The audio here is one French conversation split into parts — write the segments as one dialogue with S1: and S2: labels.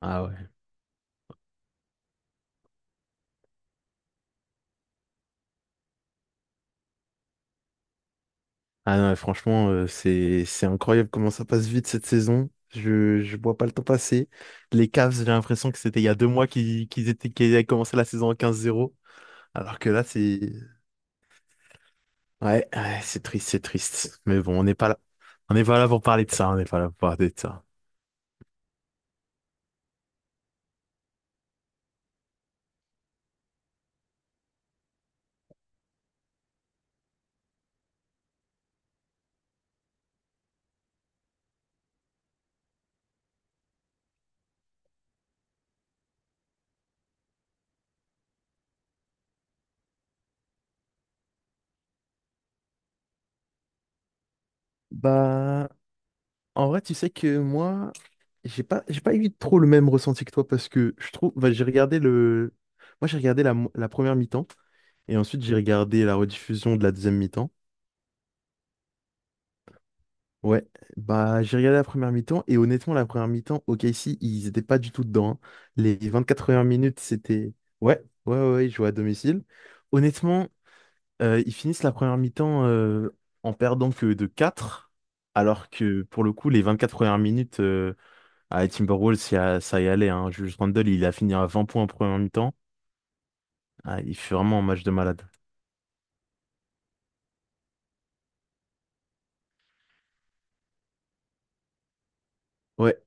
S1: Ah ouais. Ah non, franchement, c'est incroyable comment ça passe vite cette saison. Je vois pas le temps passer. Les Cavs, j'ai l'impression que c'était il y a 2 mois qu'ils avaient commencé la saison en 15-0, alors que là c'est, ouais, ouais, c'est triste, c'est triste. Mais bon, on n'est pas là. On n'est pas là pour parler de ça, on n'est pas là pour parler de ça. Bah, en vrai, tu sais que moi, j'ai pas eu trop le même ressenti que toi parce que je trouve, bah, j'ai regardé le moi j'ai regardé la première mi-temps et ensuite j'ai regardé la rediffusion de la deuxième mi-temps. Ouais, bah j'ai regardé la première mi-temps et honnêtement la première mi-temps, OKC, ils étaient pas du tout dedans. Hein. Les 24 premières minutes, c'était, ouais, ouais, ouais, ouais, ils jouaient à domicile. Honnêtement, ils finissent la première mi-temps en perdant que de 4, alors que pour le coup, les 24 premières minutes à Timberwolves, ça y allait. Hein. Julius Randle, il a fini à 20 points en première mi-temps. Ah, il fait vraiment un match de malade. Ouais.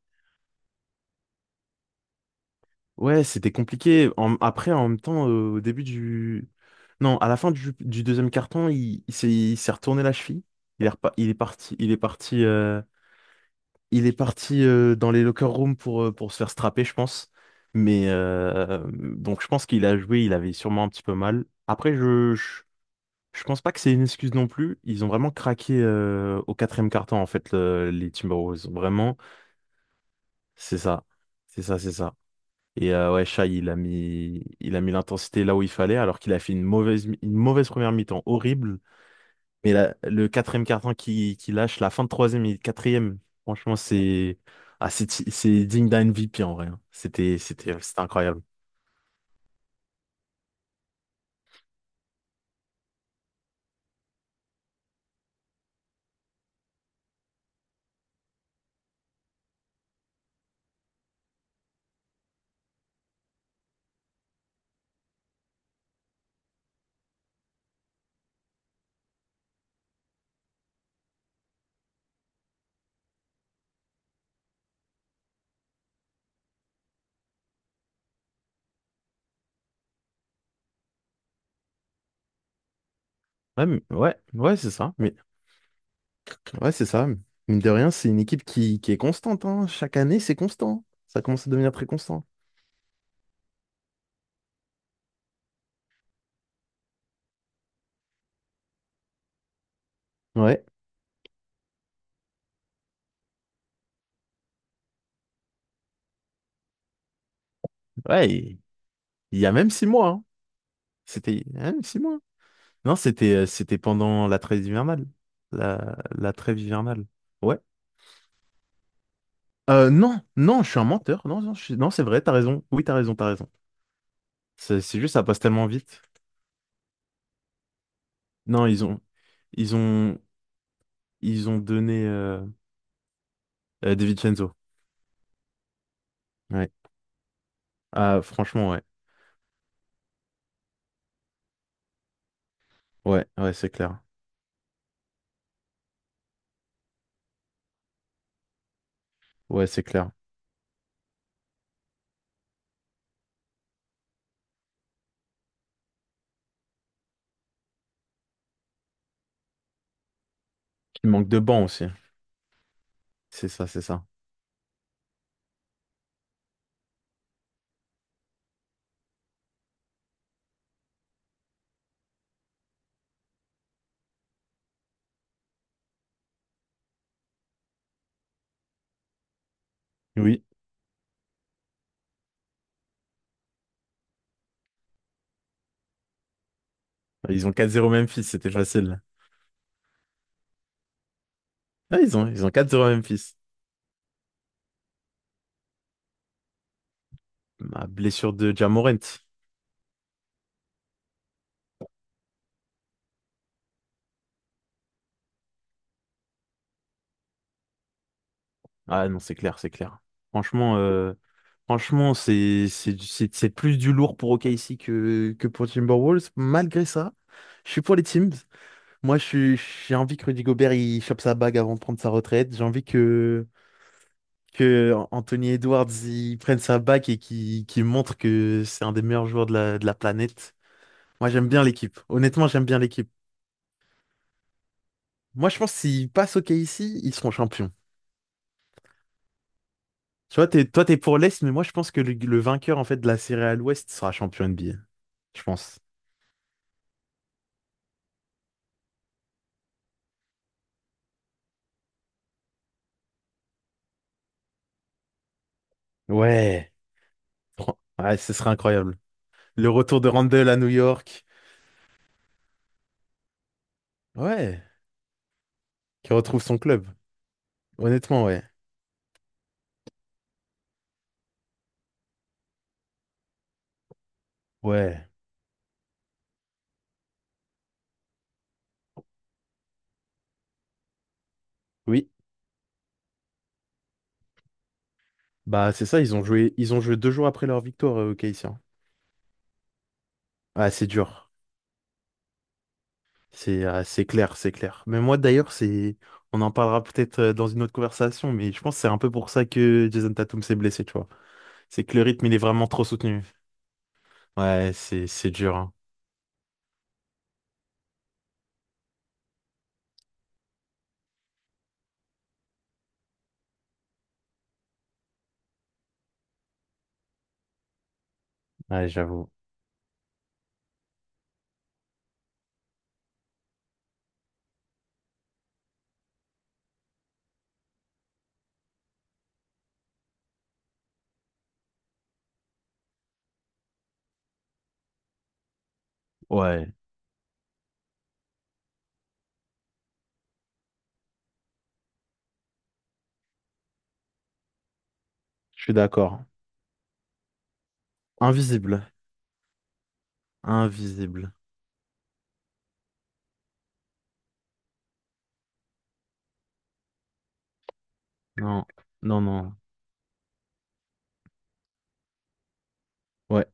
S1: Ouais, c'était compliqué. Après, en même temps, non, à la fin du deuxième carton, il s'est retourné la cheville. Il est parti, dans les locker rooms pour pour se faire strapper, je pense. Mais donc, je pense qu'il a joué, il avait sûrement un petit peu mal. Après, je pense pas que c'est une excuse non plus. Ils ont vraiment craqué au quatrième carton, en fait, les Timberwolves. Vraiment, c'est ça. C'est ça, c'est ça. Et, ouais, Shai, il a mis l'intensité là où il fallait, alors qu'il a fait une mauvaise première mi-temps horrible. Mais le quatrième carton qui lâche, la fin de troisième et quatrième, franchement, c'est ah, c'est digne d'un MVP en vrai. Hein. C'était incroyable. Ouais, ouais, ouais, c'est ça. Mais ouais, c'est ça. Mine de rien, c'est une équipe qui est constante. Hein. Chaque année, c'est constant. Ça commence à devenir très constant. Ouais, ouais. Il y a même 6 mois. Hein. C'était il y a même 6 mois. Non, c'était pendant la trêve hivernale. La trêve hivernale. Ouais. Non, non, je suis un menteur. Non, non, non, c'est vrai, t'as raison. Oui, t'as raison, t'as raison. C'est juste, ça passe tellement vite. Non, ils ont, ils ont donné, De Vincenzo. Ouais. Ah, franchement, ouais. Ouais, ouais, c'est clair. Ouais, c'est clair. Il manque de banc aussi. C'est ça, c'est ça. Oui, ils ont 4-0 Memphis, c'était facile. Ah, ils ont 4-0 Memphis. Ma blessure de Ja Ah non, c'est clair, c'est clair. Franchement, euh, franchement, c'est plus du lourd pour OKC que pour Timberwolves. Malgré ça, je suis pour les teams. Moi, j'ai envie que Rudy Gobert il chope sa bague avant de prendre sa retraite. J'ai envie que Anthony Edwards il prenne sa bague et qu'il montre que c'est un des meilleurs joueurs de la planète. Moi, j'aime bien l'équipe. Honnêtement, j'aime bien l'équipe. Moi, je pense que s'ils passent OKC, ils seront champions. Tu vois, toi, t'es pour l'Est, mais moi, je pense que le vainqueur, en fait, de la série à l'Ouest sera champion NBA. Je pense. Ouais. Ouais, ce serait incroyable. Le retour de Randle à New York. Ouais, qui retrouve son club. Honnêtement, ouais. Ouais. Oui. Bah, c'est ça, ils ont joué 2 jours après leur victoire, au KC, hein. Ah, c'est dur. C'est clair, c'est clair. Mais moi, d'ailleurs, c'est... On en parlera peut-être, dans une autre conversation, mais je pense que c'est un peu pour ça que Jason Tatum s'est blessé, tu vois. C'est que le rythme, il est vraiment trop soutenu. Ouais, c'est dur, hein. Ouais, j'avoue. Ouais, je suis d'accord. Invisible. Invisible. Non, non, non. Ouais,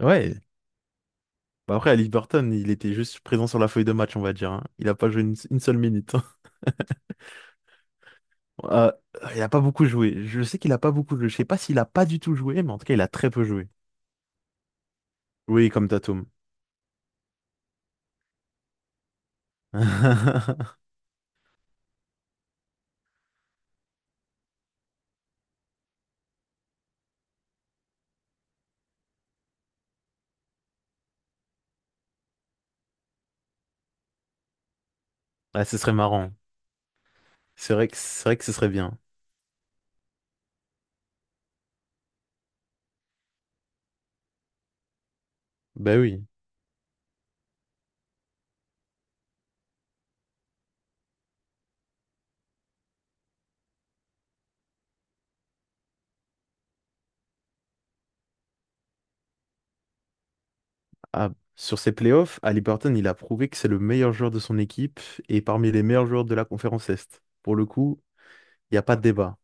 S1: ouais. Bah après, Ali Burton, il était juste présent sur la feuille de match, on va dire. Hein. Il a pas joué une seule minute. Euh, il a pas beaucoup joué. Je sais qu'il a pas beaucoup joué. Je sais pas s'il a pas du tout joué, mais en tout cas, il a très peu joué. Oui, comme Tatum. Ouais, ce serait marrant. C'est vrai que ce serait bien. Ben oui. Ah, sur ses playoffs, Ali Burton, il a prouvé que c'est le meilleur joueur de son équipe et parmi les meilleurs joueurs de la conférence Est. Pour le coup, il n'y a pas de débat.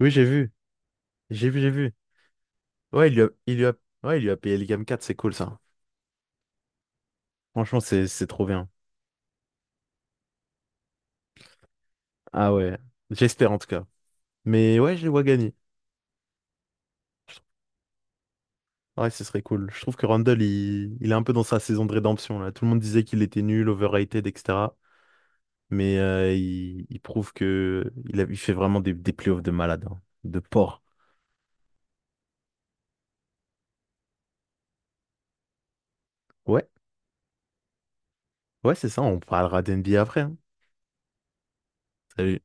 S1: Oui, j'ai vu. J'ai vu, j'ai vu. Ouais, ouais, il lui a payé le Game 4, c'est cool ça. Franchement, c'est trop bien. Ah ouais. J'espère en tout cas. Mais ouais, je les vois gagner. Ouais, ce serait cool. Je trouve que Randall, il est un peu dans sa saison de rédemption là. Tout le monde disait qu'il était nul, overrated, etc. Mais, il prouve que il fait vraiment des playoffs de malade, hein. De porc. Ouais, ouais, c'est ça. On parlera d'NBA après. Hein. Salut.